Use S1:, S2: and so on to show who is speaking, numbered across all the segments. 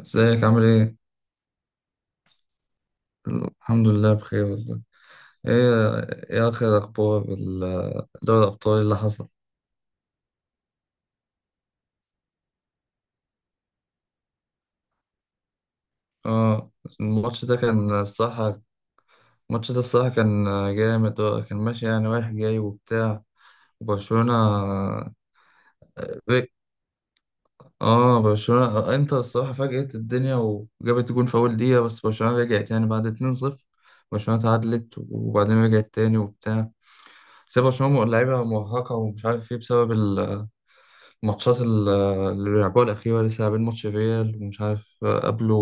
S1: ازيك عامل ايه؟ الحمد لله بخير والله. ايه؟ ايه اخر اخبار دوري الابطال اللي حصل؟ اه. الماتش ده كان الصراحة الماتش ده الصراحة كان جامد، كان ماشي يعني رايح جاي وبتاع، وبرشلونة. اه، برشلونة انتر الصراحة فاجئت الدنيا وجابت جون في أول دقيقة، بس برشلونة رجعت يعني بعد 2-0، برشلونة تعادلت وبعدين رجعت تاني وبتاع. بس هي برشلونة لعيبة مرهقة ومش عارف ايه، بسبب ماتشات اللي بيلعبوها الأخيرة، لسه لاعبين ماتش ريال ومش عارف قبله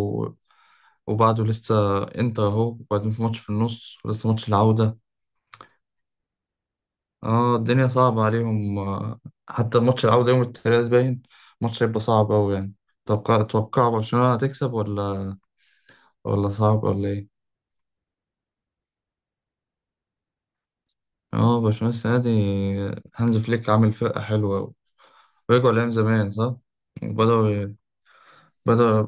S1: وبعده، لسه إنتر أهو، وبعدين في ماتش في النص ولسه ماتش العودة. اه، الدنيا صعبة عليهم. حتى ماتش العودة يوم التلات باين ماتش هيبقى صعب أوي يعني. توقع برشلونة هتكسب ولا صعب ولا إيه؟ اه، برشلونة السنة دي هانز فليك عامل فرقة حلوة أوي، رجعوا لأيام زمان صح؟ بدأوا بدأوا.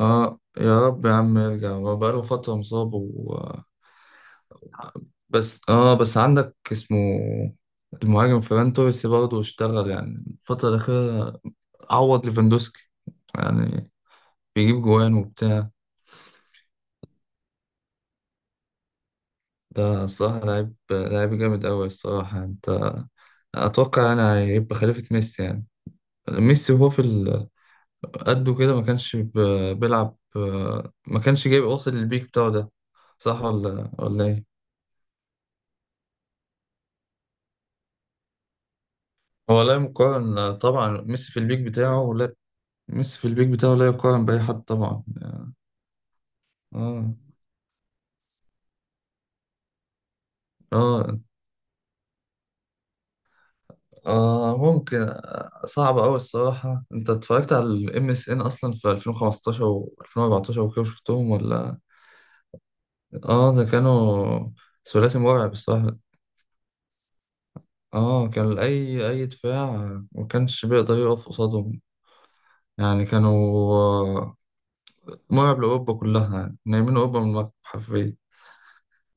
S1: اه يا رب يا عم يرجع، هو بقاله فترة مصاب و... بس عندك اسمه المهاجم فران توريس، برضه اشتغل يعني الفترة الأخيرة عوض ليفاندوسكي، يعني بيجيب جوان وبتاع. ده الصراحة لعيب لعيب جامد أوي الصراحة أنت، أتوقع يعني هيبقى خليفة ميسي يعني. ميسي، وهو في قده كده ما كانش بيلعب، ما كانش جايب واصل للبيك بتاعه ده، صح ولا إيه؟ هو لا يقارن طبعا، ميسي في البيك بتاعه لا، ميسي في البيك بتاعه لا يقارن بأي حد طبعا. اه اه اه ممكن، صعب أوي الصراحة، أنت اتفرجت على ال MSN أصلا في 2015 و 2014 وكده شفتهم ولا؟ اه، ده كانوا ثلاثي مرعب الصراحة. اه، كان أي دفاع ما كانش بيقدر يقف قصادهم، يعني كانوا، مرعب لأوروبا كلها يعني، نايمين أوروبا من المكتب حرفيا.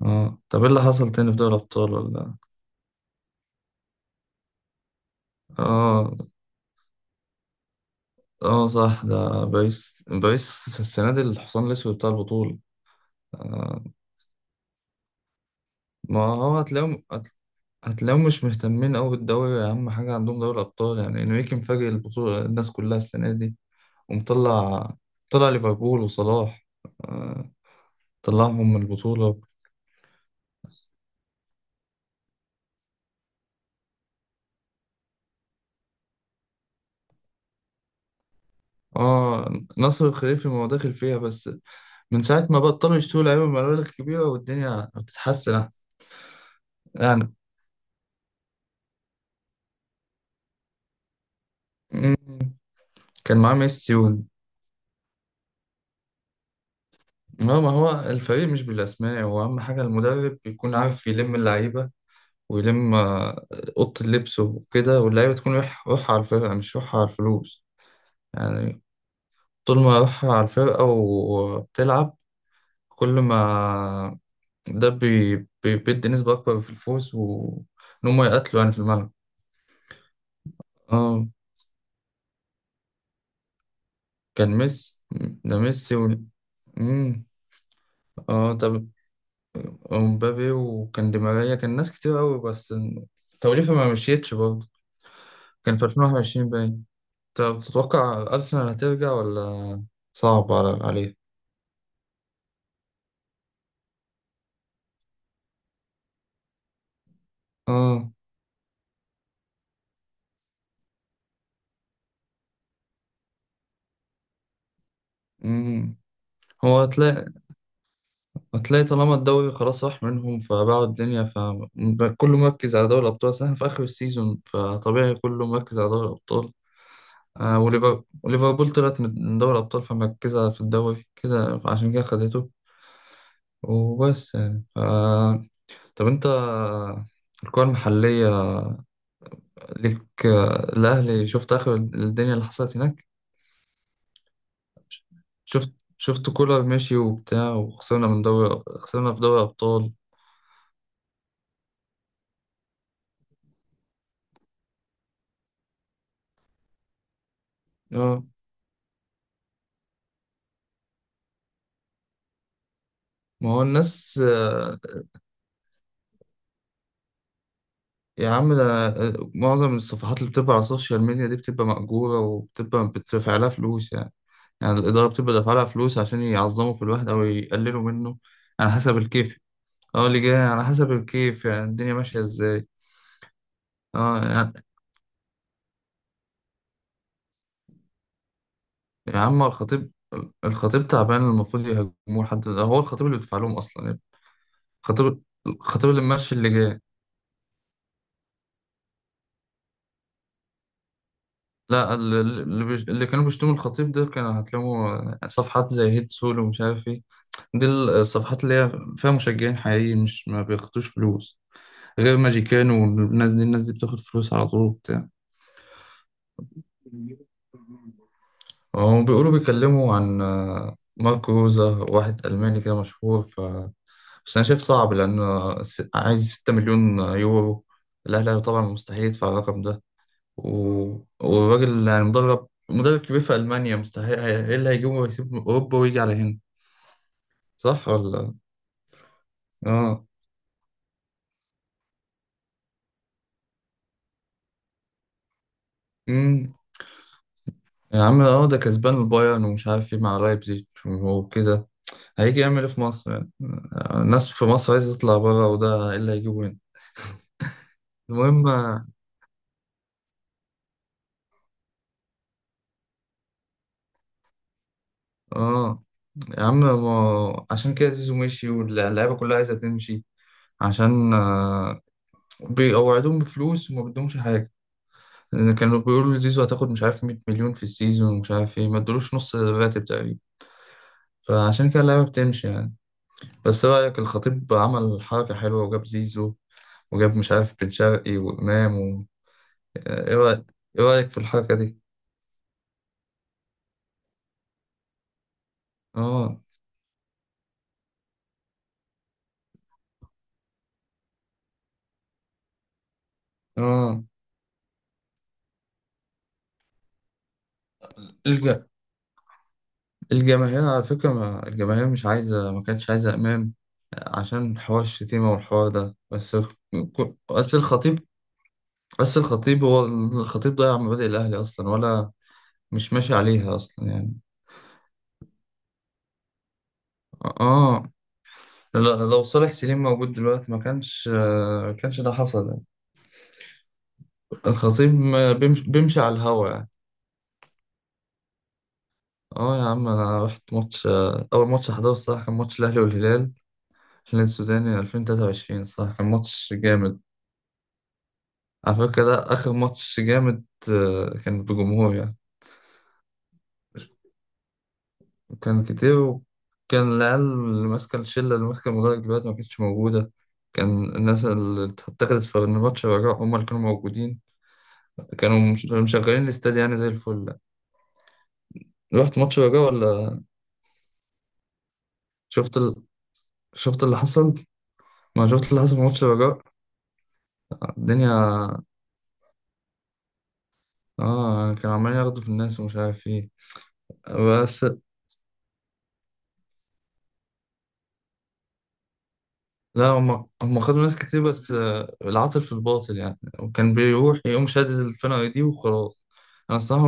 S1: اه طب، ايه اللي حصل تاني في دوري الأبطال ولا؟ اه اه صح، ده باريس، باريس السنة دي الحصان الأسود بتاع البطولة. آه، ما هو هتلاقيهم هتلاقيهم مش مهتمين أوي بالدوري، أهم حاجة عندهم دوري الأبطال، يعني إنريكي مفاجئ البطولة الناس كلها السنة دي، ومطلع طلع ليفربول وصلاح، آه، طلعهم من البطولة. اه، نصر الخليفي، ما هو داخل فيها بس من ساعة ما بطلوا يشتروا لعيبة مبالغ كبيرة والدنيا بتتحسن أحسن. يعني مم، كان معاه ميسي. اه، ما هو الفريق مش بالأسماء، هو أهم حاجة المدرب يكون عارف يلم اللعيبة ويلم أوضة اللبس وكده، واللعيبة تكون روح روحها على الفرقة مش روحها على الفلوس، يعني طول ما روحها على الفرقة وبتلعب كل ما ده بيدي نسبة أكبر في الفوز، وإن هما يقاتلوا يعني في الملعب. اه، كان ميسي، ده ميسي و... مم. اه طب، ومبابي، وكان دي ماريا، كان ناس كتير أوي بس توليفة ما مشيتش برضه، كان في 2021 باين. طب تتوقع أرسنال هترجع ولا صعب عليه؟ اه. امم هو هتلاقي، طالما الدوري خلاص راح منهم فباعوا الدنيا ف... فكله مركز على دوري الأبطال، أصل إحنا في آخر السيزون فطبيعي كله مركز على دوري الأبطال. وليفربول طلعت من دوري الأبطال، فمركزة في الدوري كده، عشان كده خدته وبس يعني ف... طب أنت الكرة المحلية ليك، الأهلي، شفت آخر الدنيا اللي حصلت هناك؟ شفت شفت كولر ماشي وبتاع، وخسرنا من دوري خسرنا في دوري أبطال. اه ما هو الناس، يا عم ده معظم الصفحات اللي بتبقى على السوشيال ميديا دي بتبقى مأجورة، وبتبقى بتدفع لها فلوس يعني، يعني الإدارة بتبقى دافعة لها فلوس عشان يعظموا في الواحد أو يقللوا منه على حسب الكيف. اه، اللي جاي على حسب الكيف، يعني الدنيا ماشية ازاي. اه يعني، يا عم الخطيب تعبان، المفروض يهاجموه حد؟ هو الخطيب اللي بيدفع لهم أصلا يعني. الخطيب الخطيب اللي ماشي اللي جاي. لا، اللي كانوا بيشتموا الخطيب ده، كانوا هتلاقوا صفحات زي هيد سول ومش عارف ايه، دي الصفحات اللي هي فيها مشجعين حقيقيين، مش ما بياخدوش فلوس، غير ماجيكان، والناس دي الناس دي بتاخد فلوس على طول وبتاع. هم بيقولوا بيكلموا عن، ماركو روزا، واحد ألماني كده مشهور ف... بس أنا شايف صعب، لأن عايز 6 مليون يورو، الأهلي طبعا مستحيل يدفع الرقم ده، و... والراجل يعني، مدرب كبير في ألمانيا، مستحيل، ايه اللي هيجيبه ويسيب من أوروبا ويجي على هنا، صح ولا؟ اه. امم يا عم ده كسبان البايرن ومش عارف ايه مع لايبزيج وكده، هيجي يعمل ايه في مصر يعني، الناس في مصر عايزة تطلع بره، وده ايه اللي هيجيبه هنا؟ المهم، اه يا عم، ما عشان كده زيزو مشي واللعيبة كلها عايزة تمشي، عشان بيقوعدوهم بفلوس وما بدهمش حاجة، كانوا بيقولوا زيزو هتاخد مش عارف 100 مليون في السيزون ومش عارف ايه، ما ادولوش نص راتب تقريبا، فعشان كده اللعيبه بتمشي يعني. بس ايه رأيك، الخطيب عمل حركه حلوه وجاب زيزو، وجاب مش عارف بن شرقي وامام و... ايه رأيك ايه رأيك في الحركه دي؟ اه اه الج... الجماهير على فكره ما... الجماهير مش عايزه، ما كانتش عايزه امام عشان حوار الشتيمه والحوار ده، بس ك- بس الخطيب الخطيب ضيع مبادئ الاهلي اصلا، ولا مش ماشي عليها اصلا يعني. اه، لو صالح سليم موجود دلوقتي ما كانش، كانش ده حصل يعني. الخطيب ما بيمشي, بيمشي على الهوا يعني. اه يا عم، انا رحت ماتش، اول ماتش حضره الصراحه كان ماتش الاهلي والهلال، الهلال السوداني 2023، الصراحه كان ماتش جامد، على فكره ده اخر ماتش جامد، كان بجمهور يعني. كان كتير وكان العيال اللي ماسكه الشله اللي ماسكه المدرج دلوقتي ما كانتش موجوده، كان الناس اللي اتخذت في الماتش الرجاء هم اللي كانوا موجودين، كانوا مشغلين الاستاد يعني زي الفل. رحت ماتش الرجاء ولا؟ شفت ال... شفت اللي حصل، ما شفت اللي حصل في ماتش الرجاء؟ الدنيا، اه كانوا عمالين ياخدوا في الناس ومش عارف ايه. بس لا، هم خدوا ناس كتير، بس العاطل في الباطل يعني، وكان بيروح يقوم شادد الفرقة دي وخلاص. انا الصراحة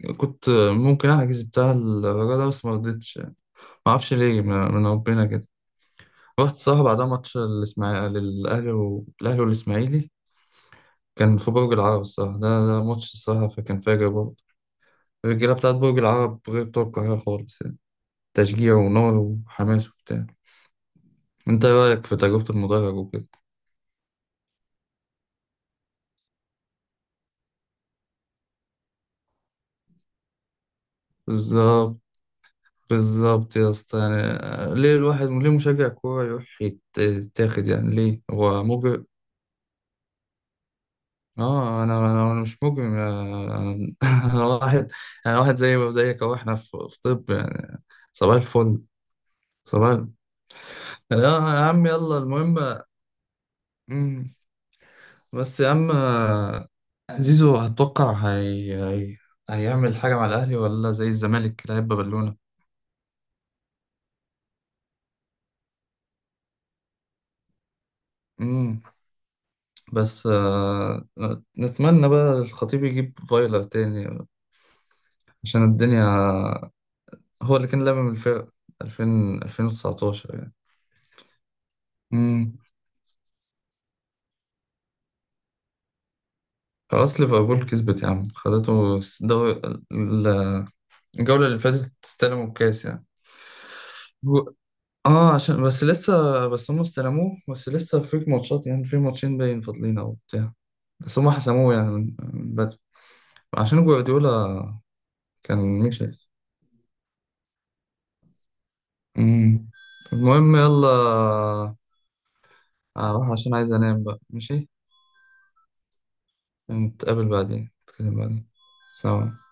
S1: ما كنت، ممكن احجز بتاع الرجاء ده بس ما رضيتش يعني، ما اعرفش ليه، من ربنا كده. رحت الصراحة بعدها ماتش الاسماعيلي، والاهلي والاسماعيلي، كان في برج العرب الصراحة، ده ماتش الصراحة فكان فاجر برضه، الرجالة بتاعت برج العرب غير بتوع القاهرة خالص يعني، تشجيع ونار وحماس وبتاع. انت ايه رأيك في تجربة المدرج وكده؟ بالظبط بالظبط يا اسطى، يعني ليه مشجع كورة يروح يتاخد يعني؟ ليه هو مجرم؟ اه، انا أنا مش مجرم يا، انا أنا واحد، انا واحد زي زيك اهو، احنا في طب يعني، صباح الفل، صباح. يا عم يلا المهم، بس يا عم زيزو هتوقع، هيعمل حاجة مع الأهلي ولا زي الزمالك كده هيبقى بالونة؟ امم بس، نتمنى بقى الخطيب يجيب فايلر تاني عشان الدنيا، هو اللي كان لامم الفرق 2000، 2019 يعني. امم خلاص ليفربول كسبت يا عم، خدته الدوري، ال- الجولة اللي فاتت استلموا الكاس يعني. هو- اه، عشان بس لسه، بس هم استلموه، بس لسه فيك ماتشات يعني، في ماتشين باين فاضلين او بتاع، بس هم حسموه يعني من بدري عشان جوارديولا كان مشي. امم المهم يلا، اروح عشان عايز انام بقى، ماشي. نتقابل بعدين، نتكلم بعدين. سلام.